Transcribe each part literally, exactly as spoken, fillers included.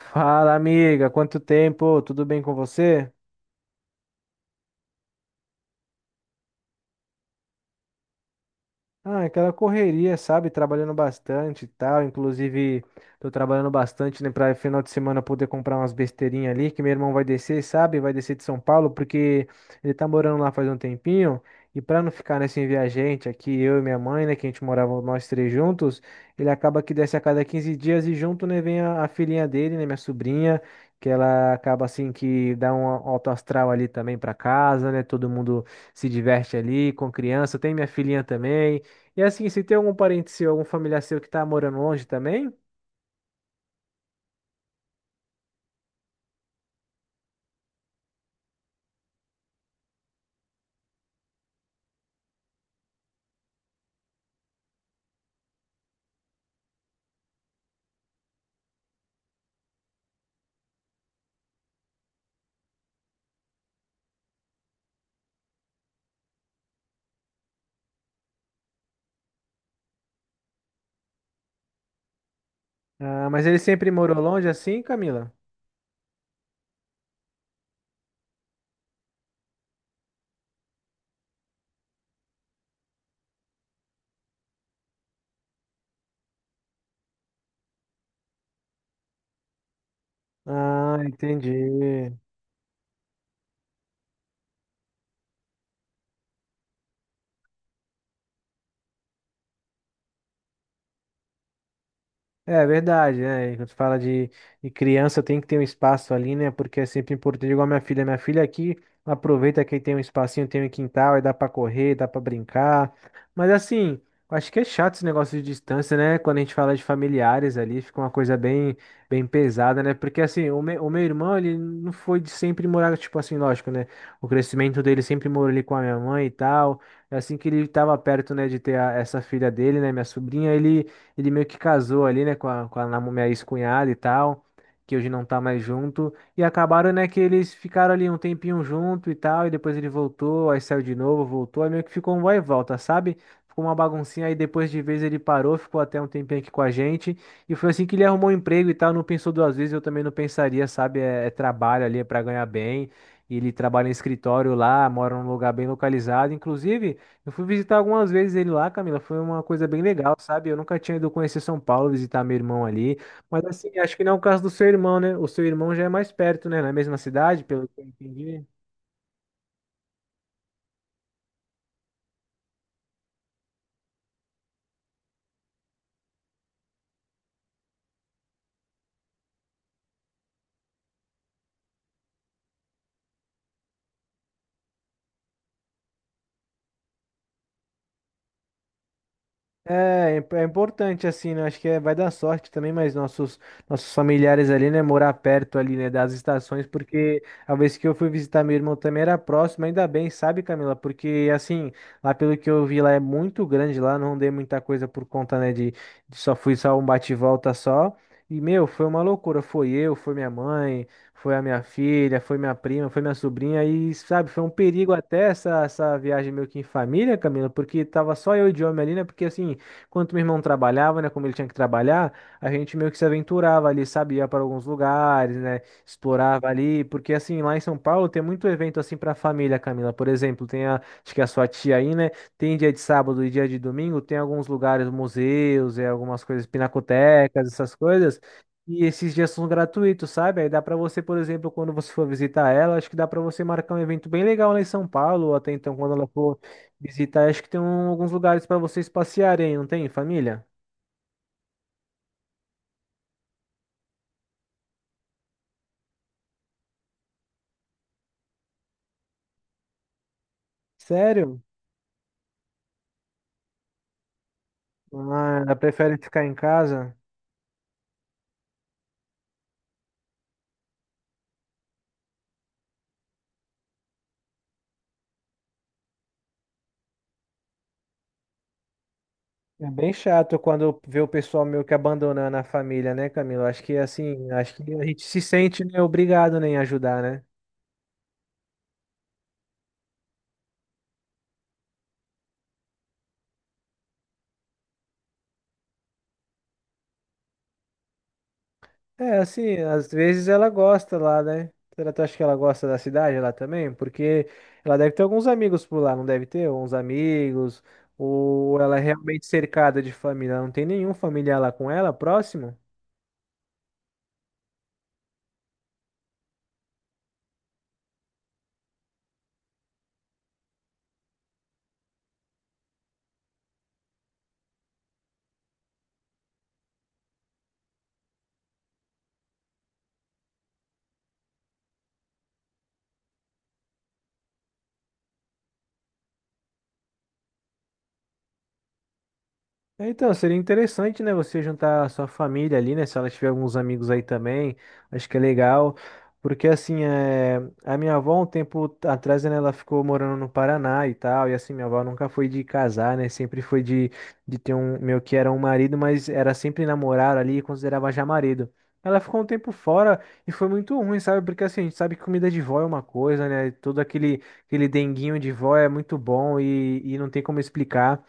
Fala, amiga, quanto tempo? Tudo bem com você? Ah, aquela correria, sabe? Trabalhando bastante e tal. Inclusive, tô trabalhando bastante, né? Pra final de semana poder comprar umas besteirinhas ali, que meu irmão vai descer, sabe? Vai descer de São Paulo, porque ele tá morando lá faz um tempinho. E pra não ficar, né, sem ver a gente aqui, eu e minha mãe, né? Que a gente morava nós três juntos, ele acaba que desce a cada quinze dias e junto, né, vem a, a filhinha dele, né? Minha sobrinha, que ela acaba assim que dá um alto astral ali também pra casa, né? Todo mundo se diverte ali com criança. Tem minha filhinha também. E assim, se tem algum parente seu, algum familiar seu que tá morando longe também? Ah, mas ele sempre morou longe assim, Camila? Ah, entendi. É verdade, né? E Quando fala de, de criança, tem que ter um espaço ali, né? Porque é sempre importante. Igual minha filha, minha filha aqui ela aproveita que tem um espacinho, tem um quintal, aí dá pra correr, dá pra brincar. Mas assim, eu acho que é chato esse negócio de distância, né? Quando a gente fala de familiares ali, fica uma coisa bem, bem pesada, né? Porque assim, o, me, o meu irmão, ele não foi de sempre morar, tipo assim, lógico, né? O crescimento dele sempre morou ali com a minha mãe e tal. É assim que ele tava perto, né, de ter a- essa filha dele, né, minha sobrinha, ele ele meio que casou ali, né, com a, com a namu- minha ex-cunhada e tal, que hoje não tá mais junto. E acabaram, né, que eles ficaram ali um tempinho junto e tal, e depois ele voltou, aí saiu de novo, voltou, aí meio que ficou um vai e volta, sabe? Ficou uma baguncinha, aí depois de vez ele parou, ficou até um tempinho aqui com a gente. E foi assim que ele arrumou um emprego e tal, não pensou duas vezes, eu também não pensaria, sabe? É, é trabalho ali, é pra ganhar bem. E ele trabalha em escritório lá, mora num lugar bem localizado. Inclusive, eu fui visitar algumas vezes ele lá, Camila. Foi uma coisa bem legal, sabe? Eu nunca tinha ido conhecer São Paulo, visitar meu irmão ali. Mas assim, acho que não é o caso do seu irmão, né? O seu irmão já é mais perto, né? Na mesma cidade, pelo que eu entendi. É, é imp- é importante assim, né? Acho que é- vai dar sorte também, mas nossos nossos familiares ali, né, morar perto ali, né, das estações, porque a vez que eu fui visitar meu irmão também era próximo, ainda bem, sabe, Camila? Porque assim, lá pelo que eu vi lá é muito grande lá, não dei muita coisa por conta, né, de, de só fui só um bate e volta só. E meu, foi uma loucura, foi eu, foi minha mãe, foi a minha filha, foi minha prima, foi minha sobrinha e, sabe, foi um perigo até essa, essa viagem meio que em família, Camila, porque tava só eu e o homem ali, né? Porque assim, Enquanto meu irmão trabalhava, né? Como ele tinha que trabalhar, a gente meio que se aventurava ali, sabia, para alguns lugares, né? Explorava ali, porque assim, lá em São Paulo tem muito evento assim para família, Camila. Por exemplo, tem a, acho que é a sua tia aí, né? Tem dia de sábado e dia de domingo, tem alguns lugares, museus, e algumas coisas, pinacotecas, essas coisas. E esses dias são gratuitos, sabe? Aí dá para você, por exemplo, quando você for visitar ela, acho que dá para você marcar um evento bem legal lá em São Paulo, ou até então quando ela for Visitar, acho que tem um- alguns lugares para vocês passearem, não tem, família? Sério? Ah, ela prefere ficar em casa? É bem chato quando vê o pessoal meio que abandonando a família, né, Camilo? Acho que assim, acho que a gente se sente, né, obrigado, né, em ajudar, né? É, assim, às vezes ela gosta lá, né? Será que tu acha que ela gosta da cidade lá também? Porque ela deve ter alguns amigos por lá, não deve ter? Uns amigos, ou ela é realmente cercada de família, ela não tem nenhum familiar lá com ela, próximo? É, Então, seria interessante, né, você juntar a sua família ali, né, se ela tiver alguns amigos aí também, acho que é legal, porque assim, é, a minha avó um tempo atrás, né, ela ficou morando no Paraná e tal, e assim, minha avó nunca foi de casar, né, sempre foi de, de ter um, meu que era um marido, mas era sempre namorar ali e considerava já marido. Ela ficou um tempo fora e foi muito ruim, sabe? Porque assim, a gente sabe que comida de vó é uma coisa, né? Todo aquele, aquele denguinho de vó é muito bom e, e não tem como explicar.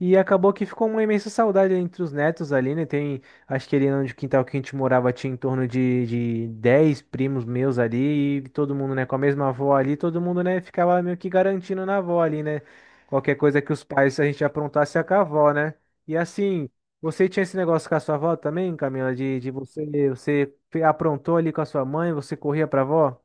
E acabou que ficou uma imensa saudade entre os netos ali, né? Tem, acho que ali onde o quintal que a gente morava tinha em torno de, de dez primos meus ali, e todo mundo, né, com a mesma avó ali, todo mundo, né, ficava meio que garantindo na avó ali, né? Qualquer coisa que os pais, se a gente aprontasse, é com a avó, né? E assim, você tinha esse negócio com a sua avó também, Camila, de, de você, você aprontou ali com a sua mãe, você corria pra avó?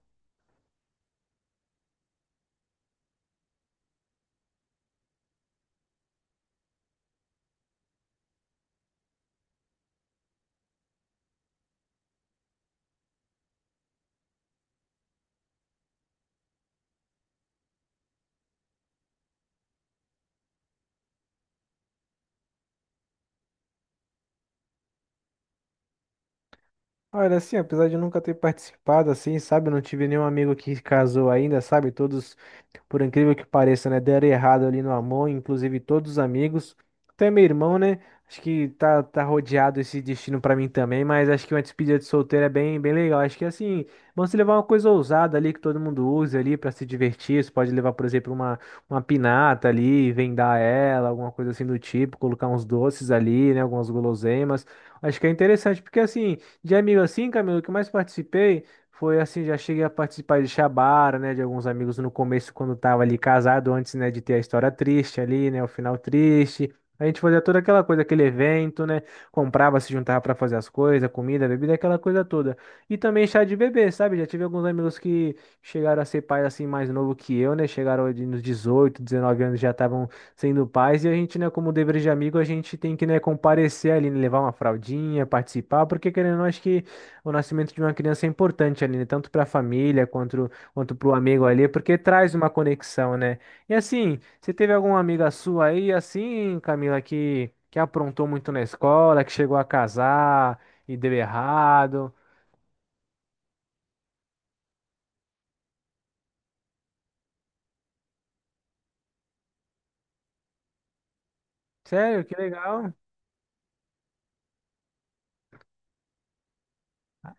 Olha, assim, apesar de eu nunca ter participado, assim, sabe, eu não tive nenhum amigo que casou ainda, sabe, todos, por incrível que pareça, né, deram errado ali no amor, inclusive todos os amigos, até meu irmão, né, acho que tá, tá rodeado esse destino pra mim também, mas acho que uma despedida de solteiro é bem, bem legal, acho que, assim, vamos se levar uma coisa ousada ali, que todo mundo use ali pra se divertir, você pode levar, por exemplo, uma, uma pinata ali, vendar ela, alguma coisa assim do tipo, colocar uns doces ali, né, algumas guloseimas, acho que é interessante, porque, assim, de amigo assim, Camilo, o que eu mais participei foi assim, já cheguei a participar de Xabara, né, de alguns amigos no começo quando tava ali casado, antes, né, de ter a história triste ali, né, o final triste. A gente fazia toda aquela coisa, aquele evento, né, comprava, se juntava pra fazer as coisas, comida, bebida, aquela coisa toda. E também chá de bebê, sabe? Já tive alguns amigos que chegaram a ser pais assim mais novo que eu, né, chegaram ali nos dezoito dezenove anos, já estavam sendo pais, e a gente, né, como dever de amigo, a gente tem que, né, comparecer ali, né, levar uma fraldinha, participar, porque querendo ou não, acho que o nascimento de uma criança é importante ali, né, tanto para a família quanto quanto para o amigo ali, porque traz uma conexão, né? E assim, você teve alguma amiga sua aí, assim, Camila, que que aprontou muito na escola, que chegou a casar e deu errado? Sério, que legal.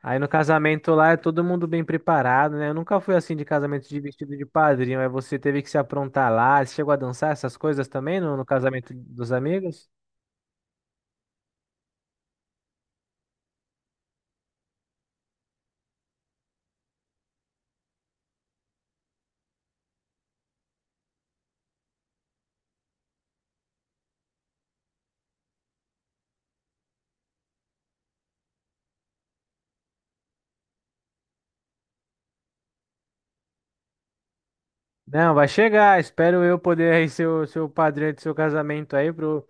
Aí no casamento lá é todo mundo bem preparado, né? Eu nunca fui assim de casamento de vestido de padrinho, aí você teve que se aprontar lá. Você chegou a dançar essas coisas também no, no casamento dos amigos? Não, vai chegar. Espero eu poder aí ser o, ser o padrinho do seu casamento aí pro,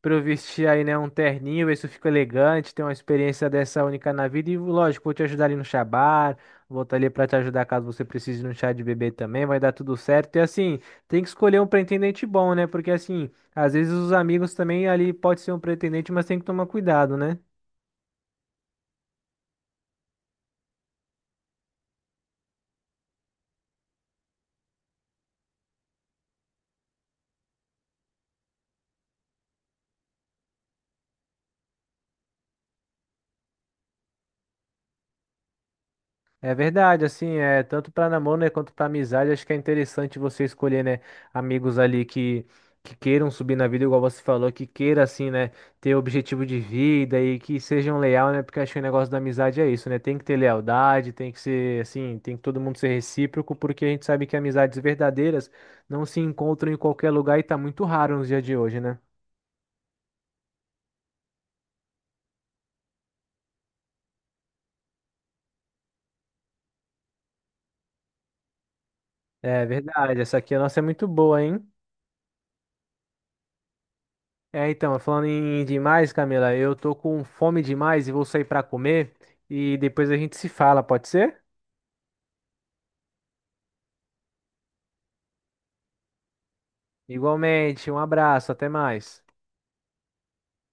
pro eu vestir aí, né, um terninho, ver se eu fico elegante, ter uma experiência dessa única na vida. E lógico, vou te ajudar ali no chabar, vou estar ali pra te ajudar caso você precise no chá de bebê também, vai dar tudo certo. E assim, tem que escolher um pretendente bom, né? Porque assim, às vezes os amigos também ali pode ser um pretendente, mas tem que tomar cuidado, né? É verdade, assim, é tanto para namoro, né, quanto para amizade, acho que é interessante você escolher, né, amigos ali que que queiram subir na vida, igual você falou, que queira assim, né, ter objetivo de vida e que sejam leal, né, porque acho que o negócio da amizade é isso, né? Tem que ter lealdade, tem que ser assim, tem que todo mundo ser recíproco, porque a gente sabe que amizades verdadeiras não se encontram em qualquer lugar e tá muito raro nos dias de hoje, né? É verdade, essa aqui a nossa é muito boa, hein? É, então, falando em demais, Camila, eu tô com fome demais e vou sair pra comer e depois a gente se fala, pode ser? Igualmente, um abraço, até mais.